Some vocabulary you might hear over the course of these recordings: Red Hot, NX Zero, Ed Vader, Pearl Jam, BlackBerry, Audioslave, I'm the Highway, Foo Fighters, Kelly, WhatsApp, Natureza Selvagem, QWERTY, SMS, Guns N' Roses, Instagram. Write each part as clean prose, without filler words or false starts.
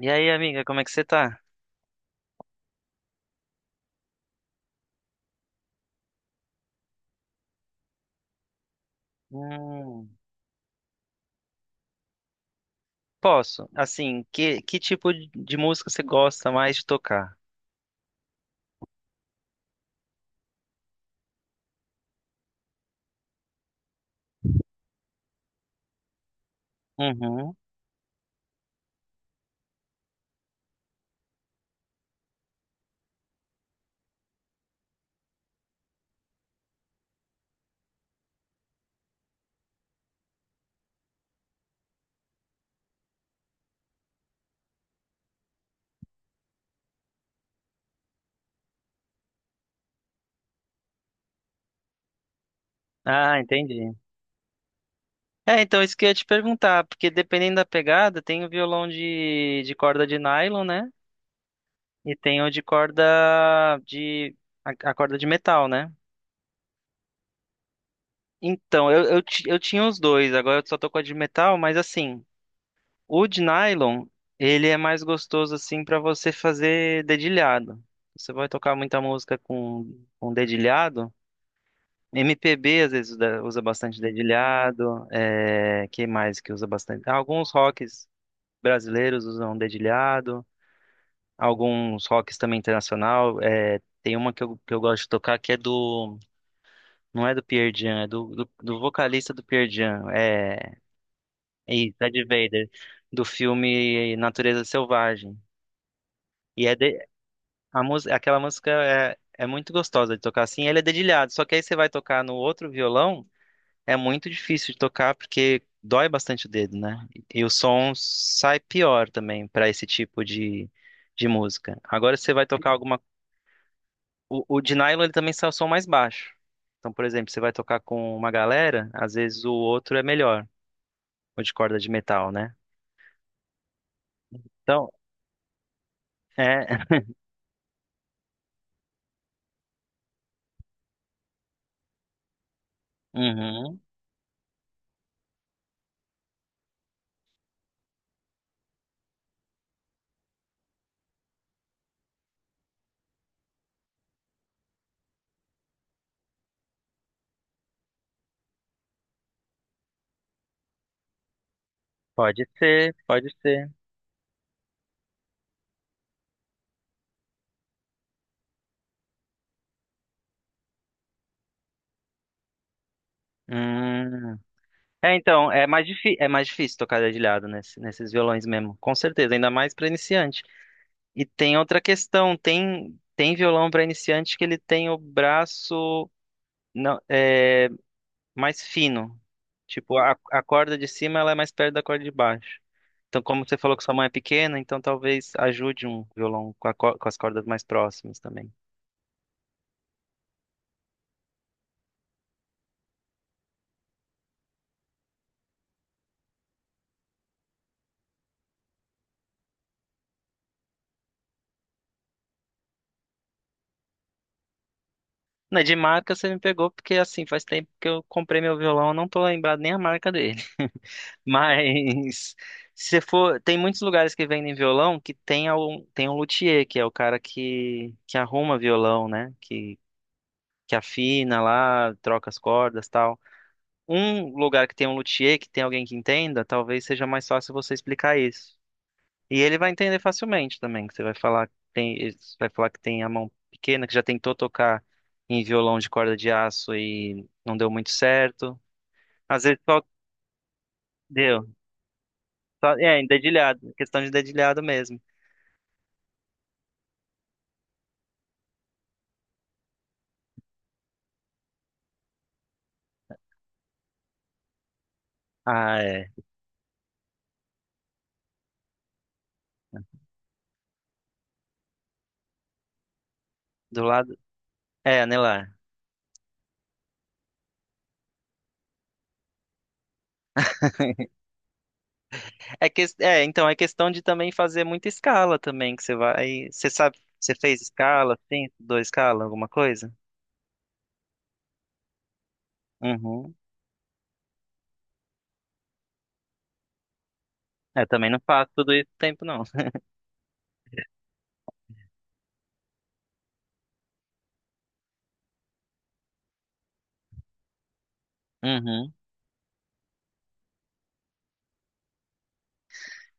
E aí, amiga, como é que você tá? Hum, posso. Assim, que tipo de música você gosta mais de tocar? Uhum. Ah, entendi. É, então isso que eu ia te perguntar, porque dependendo da pegada, tem o violão de corda de nylon, né? E tem o de corda de a corda de metal, né? Então, eu tinha os dois, agora eu só tô com a de metal, mas assim, o de nylon, ele é mais gostoso assim para você fazer dedilhado. Você vai tocar muita música com dedilhado. MPB às vezes usa bastante dedilhado. É, que mais que usa bastante? Alguns rocks brasileiros usam dedilhado. Alguns rocks também internacional. É, tem uma que eu gosto de tocar que é do. Não é do Pearl Jam, é do vocalista do Pearl Jam. É, é isso, Ed Vader, do filme Natureza Selvagem. E é, a música, aquela música é, é muito gostosa de tocar assim, ele é dedilhado, só que aí você vai tocar no outro violão, é muito difícil de tocar porque dói bastante o dedo, né? E o som sai pior também para esse tipo de música. Agora você vai tocar alguma. O de nylon ele também sai o som mais baixo. Então, por exemplo, você vai tocar com uma galera, às vezes o outro é melhor, o de corda de metal, né? Então, é. Uhum. Pode ser, pode ser. Hum. É, então, é mais, difí é mais difícil tocar dedilhado nesse, nesses violões mesmo, com certeza, ainda mais para iniciante. E tem outra questão, tem, tem violão para iniciante que ele tem o braço não, é, mais fino, tipo, a corda de cima ela é mais perto da corda de baixo. Então, como você falou que sua mão é pequena, então talvez ajude um violão com, com as cordas mais próximas também. Né, de marca você me pegou, porque assim, faz tempo que eu comprei meu violão, eu não tô lembrado nem a marca dele. Mas se for, tem muitos lugares que vendem violão que tem um luthier, que é o cara que arruma violão, né? Que afina lá, troca as cordas, tal. Um lugar que tem um luthier, que tem alguém que entenda, talvez seja mais fácil você explicar isso. E ele vai entender facilmente também, que você vai falar que tem, você vai falar que tem a mão pequena, que já tentou tocar em violão de corda de aço e não deu muito certo. Às vezes só deu, só, é, em dedilhado, questão de dedilhado mesmo. Ah, é. Do lado. É, anelar. É, é, então, é questão de também fazer muita escala também, que você vai. Você sabe, você fez escala, sim, estudou escala, alguma coisa? Uhum. Eu também não faço tudo isso o tempo, não. Uhum.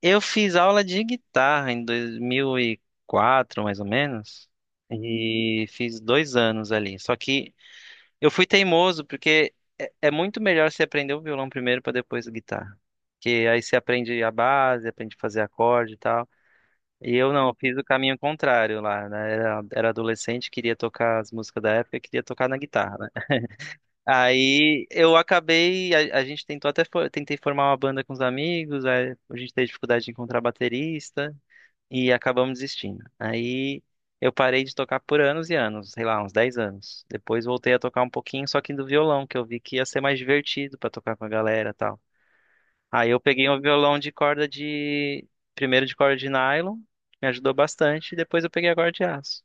Eu fiz aula de guitarra em dois mil e quatro mais ou menos, e fiz dois anos ali. Só que eu fui teimoso, porque é, é muito melhor você aprender o violão primeiro para depois a guitarra. Porque aí você aprende a base, aprende a fazer acorde e tal. E eu não, eu fiz o caminho contrário lá, né? Era, era adolescente, queria tocar as músicas da época, queria tocar na guitarra, né? Aí eu acabei, a gente tentou até, tentei formar uma banda com os amigos, aí a gente teve dificuldade de encontrar baterista e acabamos desistindo. Aí eu parei de tocar por anos e anos, sei lá, uns 10 anos. Depois voltei a tocar um pouquinho, só que do violão, que eu vi que ia ser mais divertido pra tocar com a galera, e tal. Aí eu peguei um violão de corda de. Primeiro de corda de nylon, me ajudou bastante, e depois eu peguei a corda de aço.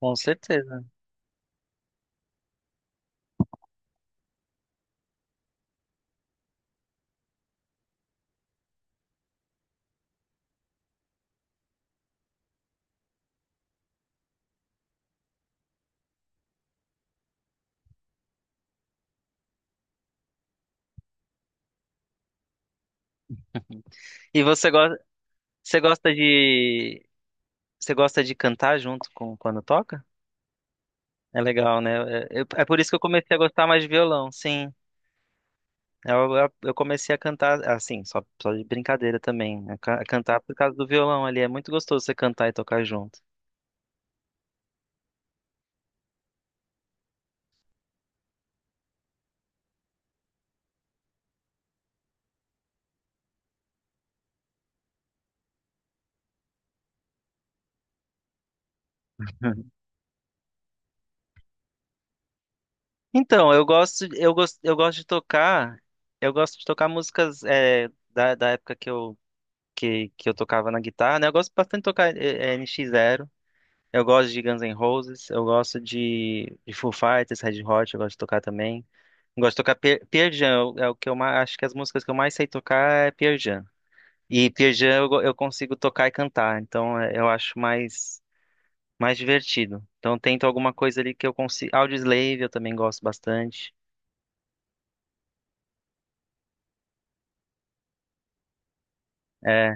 Com certeza. E você gosta de, você gosta de cantar junto com quando toca? É legal, né? É, é por isso que eu comecei a gostar mais de violão, sim. Eu comecei a cantar, assim, só de brincadeira também. Né? Cantar por causa do violão ali. É muito gostoso você cantar e tocar junto. Então, eu gosto de tocar, eu gosto de tocar músicas é, da época que eu, que eu tocava na guitarra, né? Eu gosto bastante de tocar NX Zero, eu gosto de Guns N' Roses, eu gosto de Foo Fighters, Red Hot, eu gosto de tocar também. Eu gosto de tocar Pearl Jam, é o que eu mais, acho que as músicas que eu mais sei tocar é Pearl Jam. E Pearl Jam eu, eu consigo tocar e cantar, então é, eu acho mais, mais divertido. Então eu tento alguma coisa ali que eu consigo. Audioslave eu também gosto bastante. eh,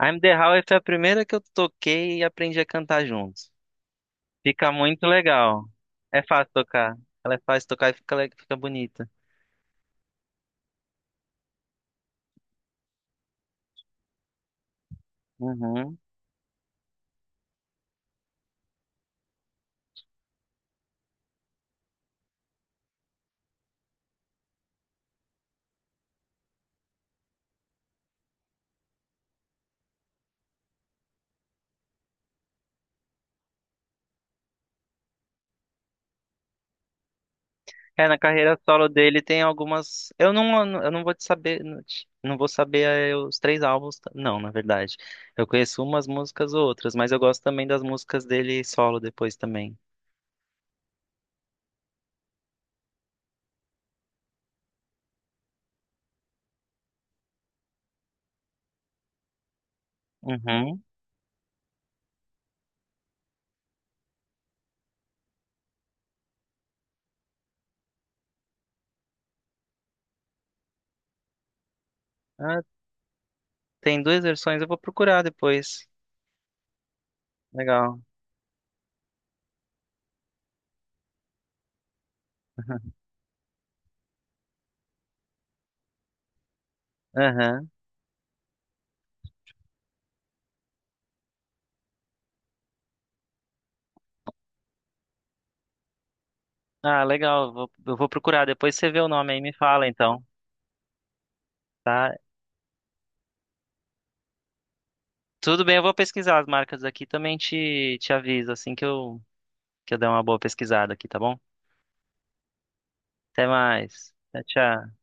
I'm the Highway foi a primeira que eu toquei e aprendi a cantar junto. Fica muito legal. É fácil tocar. Ela é fácil tocar e fica, fica bonita. Uhum. É, na carreira solo dele tem algumas. Eu não vou te saber. Não vou saber os três álbuns. Não, na verdade. Eu conheço umas músicas ou outras, mas eu gosto também das músicas dele solo depois também. Uhum. Ah, tem duas versões, eu vou procurar depois. Legal. Aham. Ah, legal. Eu vou procurar. Depois você vê o nome aí e me fala, então, tá? Tudo bem, eu vou pesquisar as marcas aqui. Também te aviso assim que eu der uma boa pesquisada aqui, tá bom? Até mais. Tchau, tchau.